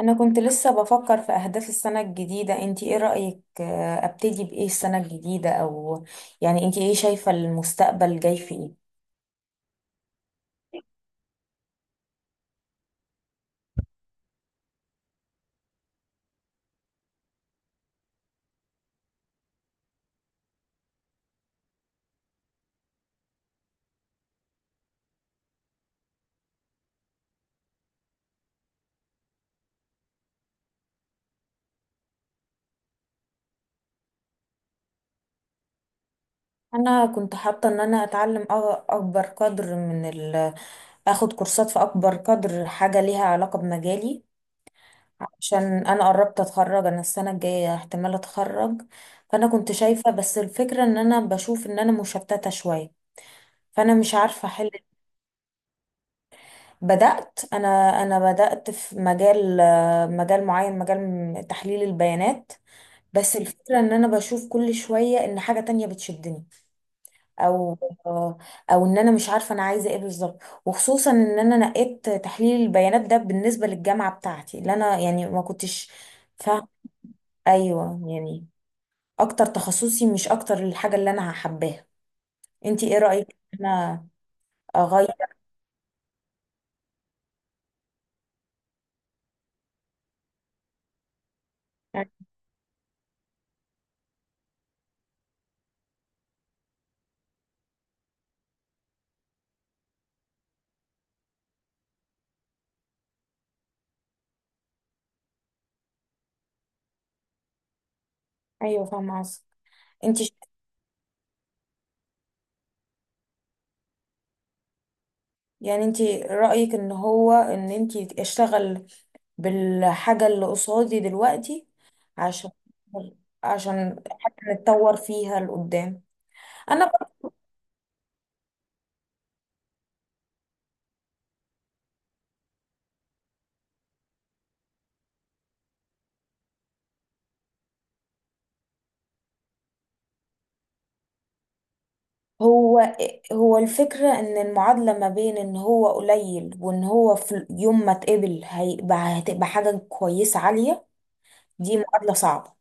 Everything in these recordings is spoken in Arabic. انا كنت لسه بفكر في اهداف السنة الجديدة، انتي ايه رأيك؟ ابتدي بايه السنة الجديدة او يعني انتي ايه شايفة المستقبل جاي في ايه؟ انا كنت حاطة ان انا اتعلم اكبر قدر من ال اخد كورسات في اكبر قدر حاجة ليها علاقة بمجالي، عشان انا قربت اتخرج، انا السنة الجاية احتمال اتخرج. فانا كنت شايفة، بس الفكرة ان انا بشوف ان انا مشتتة شوية، فانا مش عارفة احل. بدأت أنا. أنا بدأت في مجال مجال معين، مجال تحليل البيانات. بس الفكرة إن أنا بشوف كل شوية إن حاجة تانية بتشدني، أو آه، أو إن أنا مش عارفة أنا عايزة إيه بالظبط، وخصوصا إن أنا نقيت تحليل البيانات ده بالنسبة للجامعة بتاعتي اللي أنا يعني ما كنتش فاهمة. أيوه يعني أكتر تخصصي، مش أكتر الحاجة اللي أنا حباها. أنتي إيه رأيك إن أنا أغير؟ أيوه فاهمة قصدك. انت، يعني انتي رأيك ان هو ان انتي اشتغل بالحاجة اللي قصادي دلوقتي، عشان عشان حتى نتطور فيها لقدام. انا ب- هو هو الفكرة ان المعادلة ما بين ان هو قليل وان هو في يوم ما اتقبل هتبقى حاجة كويسة عالية. دي معادلة صعبة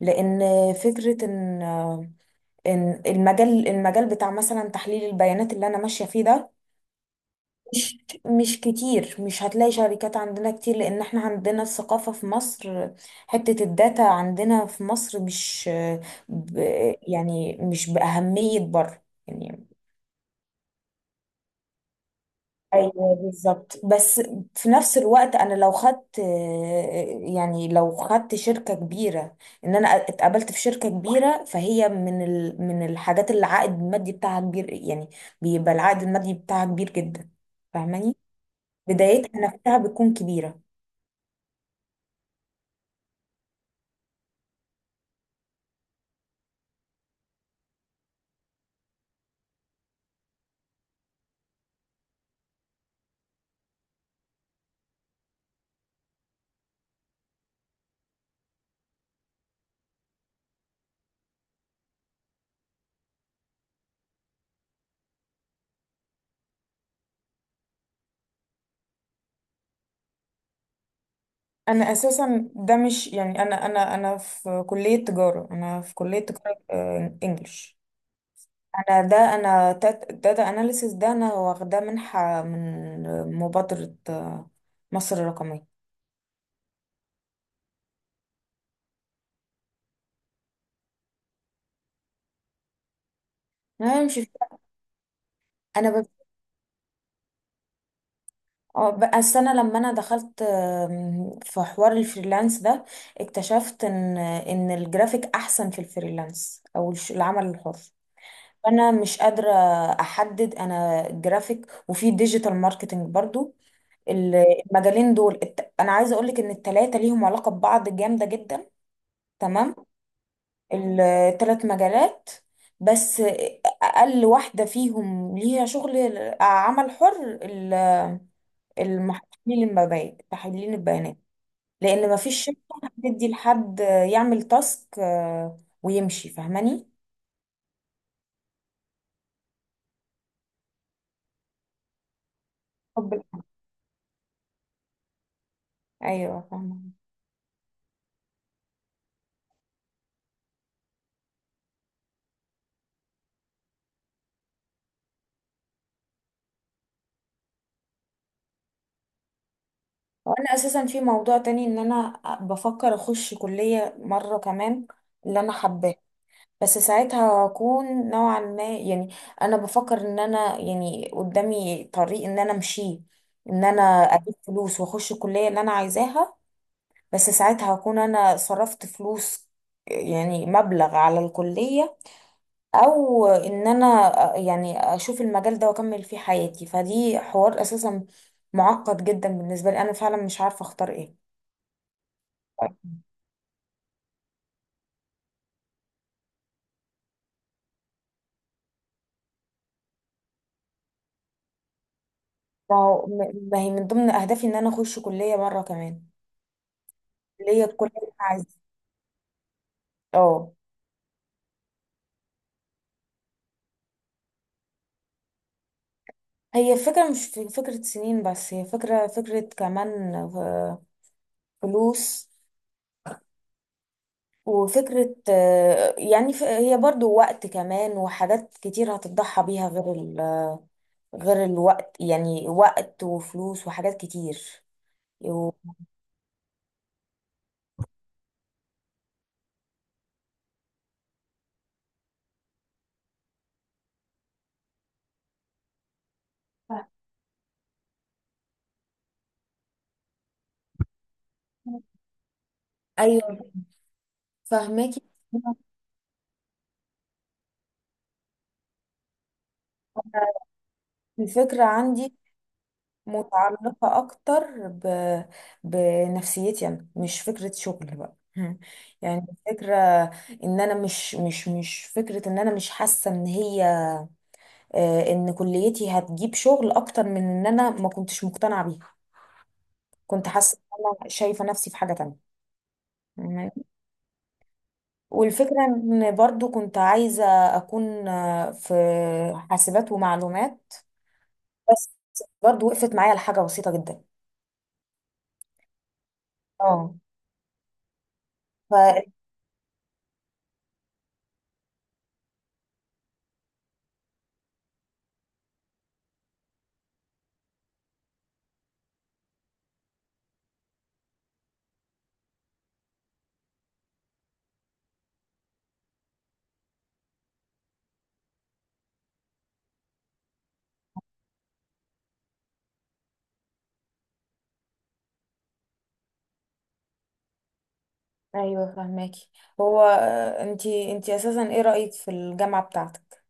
لان فكرة ان، المجال بتاع مثلا تحليل البيانات اللي انا ماشية فيه ده، مش مش كتير. مش هتلاقي شركات عندنا كتير، لان احنا عندنا الثقافة في مصر، حتة الداتا عندنا في مصر مش، ب يعني مش بأهمية بره يعني. ايوه بالظبط، بس في نفس الوقت انا لو خدت، يعني لو خدت شركة كبيرة، ان انا اتقابلت في شركة كبيرة، فهي من الحاجات اللي العائد المادي بتاعها كبير يعني، بيبقى العائد المادي بتاعها كبير جدا. فاهماني؟ بدايتها نفسها بتكون كبيرة. انا اساسا ده مش يعني، انا في كليه تجاره، انا في كليه تجاره انجلش. انا ده انا داتا اناليسيس، ده انا واخداه منحه من مبادره مصر الرقميه. انا مش انا ب... بقى السنه لما انا دخلت، في حوار الفريلانس ده، اكتشفت ان الجرافيك احسن في الفريلانس او العمل الحر. انا مش قادره احدد، انا جرافيك وفي ديجيتال ماركتنج برضو. ال- المجالين دول انا عايزه اقول لك ان التلاتة ليهم علاقه ببعض جامده جدا. تمام. التلات مجالات، بس اقل واحده فيهم ليها شغل عمل حر، تحليل المبادئ، تحليل البيانات، لان ما فيش شركه هتدي لحد يعمل تاسك ويمشي. فاهماني؟ طب- ايوه فاهمه. وانا اساسا في موضوع تاني، ان انا بفكر اخش كليه مره كمان، اللي انا حباها. بس ساعتها هكون نوعا ما يعني، انا بفكر ان انا يعني قدامي طريق ان انا امشيه، ان انا اجيب فلوس واخش الكلية اللي انا عايزاها. بس ساعتها هكون انا صرفت فلوس، يعني مبلغ على الكلية، او ان انا يعني اشوف المجال ده واكمل فيه حياتي. فدي حوار اساسا معقد جدا بالنسبة لي، انا فعلا مش عارفة اختار ايه. ما هو- ما هي من ضمن اهدافي ان انا اخش كلية مرة كمان، اللي هي الكلية اللي انا عايزاها. اه. هي فكرة مش في فكرة سنين، بس هي فكرة، فكرة كمان فلوس، وفكرة يعني هي برضو وقت كمان وحاجات كتير هتضحى بيها غير غير الوقت، يعني وقت وفلوس وحاجات كتير. و- فاهمة. أيوة فهماكي. الفكرة عندي متعلقة أكتر بنفسيتي، أنا مش فكرة شغل بقى يعني فكرة إن أنا مش فكرة، إن أنا مش حاسة إن هي إن كليتي هتجيب شغل أكتر، من إن أنا ما كنتش مقتنعة بيها. كنت حاسة إن أنا شايفة نفسي في حاجة تانية. فاهماني؟ والفكرة إن برضو كنت عايزة أكون في حاسبات ومعلومات، بس برضو وقفت معايا لحاجة بسيطة جدا. اه. ايوه فهماكي. هو انتي اساسا ايه رأيك في الجامعة بتاعتك؟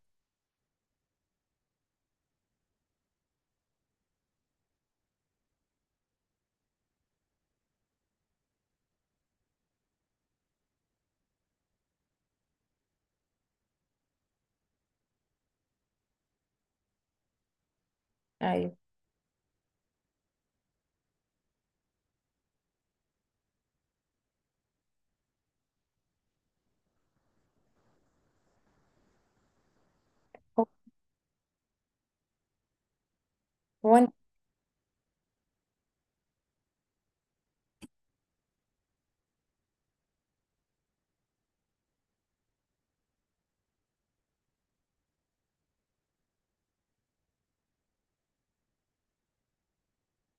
ايوه. هو. هو انت.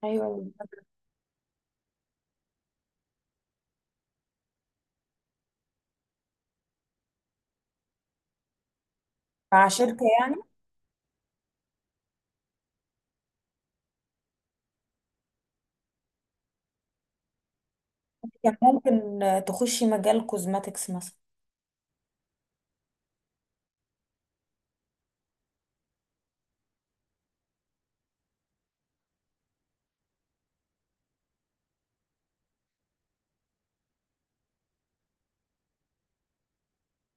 ايوه. مع شركة يعني؟ كان ممكن تخشي مجال كوزماتكس مثلا.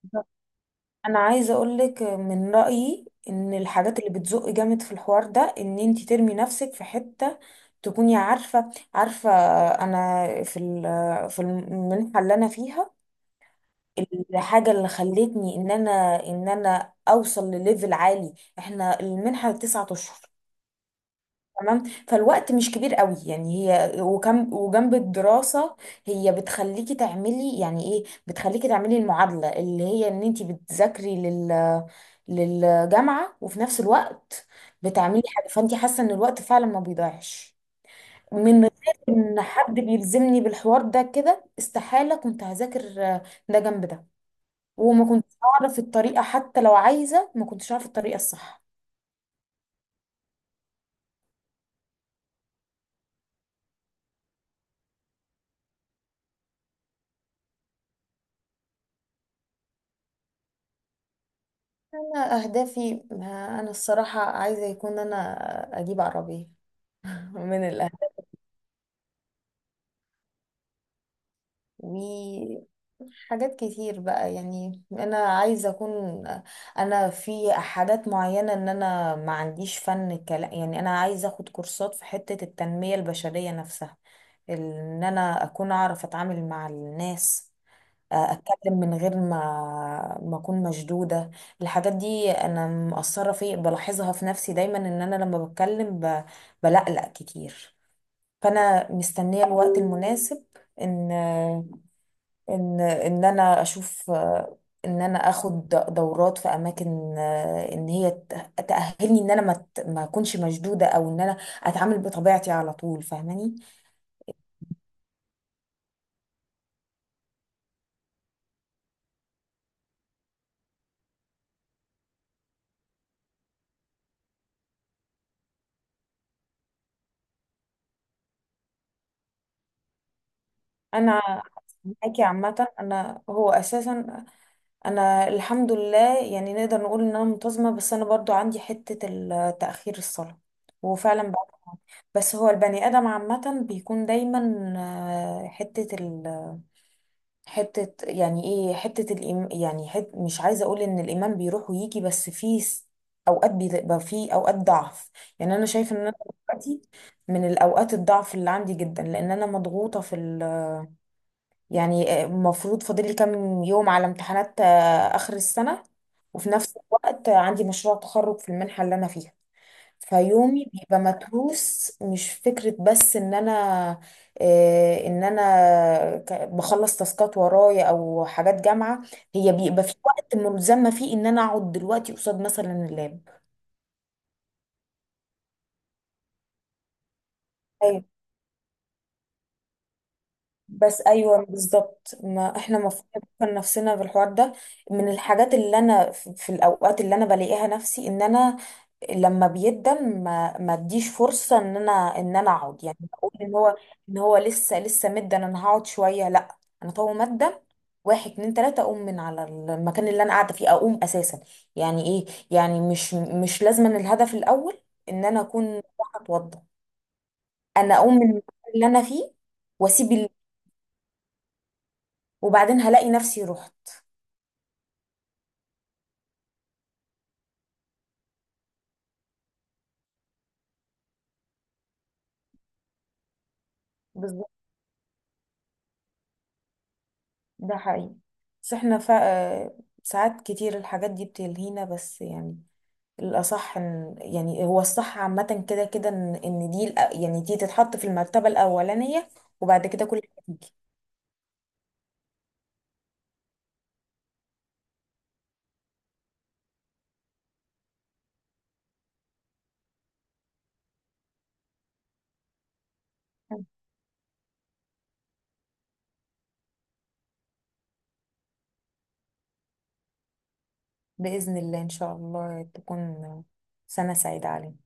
بالظبط. انا عايزة اقولك من رأيي ان الحاجات اللي بتزق جامد في الحوار ده ان انتي ترمي نفسك في حتة تكوني عارفة، عارفة انا في المنحة اللي انا فيها، الحاجة اللي خلتني ان انا، ان انا اوصل لليفل عالي. احنا المنحة 9 اشهر. تمام. فالوقت مش كبير قوي يعني، هي وكم وجنب الدراسة، هي بتخليكي تعملي يعني ايه، بتخليكي تعملي المعادلة اللي هي ان انتي بتذاكري للجامعة وفي نفس الوقت بتعملي حاجة، فانتي حاسة ان الوقت فعلا ما بيضيعش. من غير ان حد بيلزمني بالحوار ده كده، استحالة كنت هذاكر آه، ده جنب ده، وما كنتش اعرف الطريقة. حتى لو عايزة، ما كنتش اعرف الطريقة الصح. انا اهدافي، ما انا الصراحة عايزة يكون انا اجيب عربية من الاهل، وحاجات كتير بقى يعني. انا عايزة اكون، انا في حاجات معينة ان انا ما عنديش فن كلام يعني، انا عايزة اخد كورسات في حتة التنمية البشرية نفسها، ان انا اكون اعرف اتعامل مع الناس، اتكلم من غير ما اكون مشدوده. الحاجات دي انا مقصره في بلاحظها في نفسي دايما ان انا لما بتكلم بلقلق كتير. فانا مستنيه الوقت المناسب ان ان انا اشوف ان انا اخد دورات في اماكن، ان هي تاهلني ان انا ما اكونش مشدوده، او ان انا اتعامل بطبيعتي على طول. فاهماني؟ انا معاكي عامه. انا هو اساسا، انا الحمد لله يعني نقدر نقول ان انا منتظمه، بس انا برضو عندي حته تاخير الصلاه، وفعلا بقى. بس هو البني ادم عامه بيكون دايما حته حته يعني ايه، حته الإيم يعني حت، مش عايزه اقول ان الايمان بيروح ويجي، بس في اوقات بيبقى، في اوقات ضعف يعني. انا شايفه ان انا دلوقتي من الاوقات الضعف اللي عندي جدا، لان انا مضغوطه في يعني، المفروض فاضل لي كام يوم على امتحانات آخر السنة، وفي نفس الوقت عندي مشروع تخرج في المنحة اللي أنا فيها. فيومي بيبقى متروس، مش فكرة بس إن أنا إن أنا بخلص تاسكات ورايا أو حاجات جامعة، هي بيبقى في وقت ملزمة فيه إن أنا أقعد دلوقتي قصاد مثلا اللاب. أيوة. بس أيوه بالظبط، ما إحنا المفروض نفكر نفسنا في الحوار ده. من الحاجات اللي أنا في، الأوقات اللي أنا بلاقيها نفسي إن أنا لما بيقدم ما اديش فرصه ان انا، ان انا اقعد يعني اقول ان هو، ان هو لسه مدن، انا هقعد شويه. لا، انا طول ما ادم واحد اتنين تلاته اقوم من على المكان اللي انا قاعده فيه، اقوم اساسا. يعني ايه يعني، مش لازما، الهدف الاول ان انا اكون رايحة اتوضى، انا اقوم من المكان اللي انا فيه واسيب وبعدين هلاقي نفسي رحت. بالظبط. ده حقيقي، بس احنا ساعات كتير الحاجات دي بتلهينا بس يعني. الأصح إن، يعني هو الصح عامة كده كده، إن إن دي يعني دي تتحط في المرتبة الأولانية، وبعد كده كل حاجة تيجي. بإذن الله إن شاء الله تكون سنة سعيدة علينا.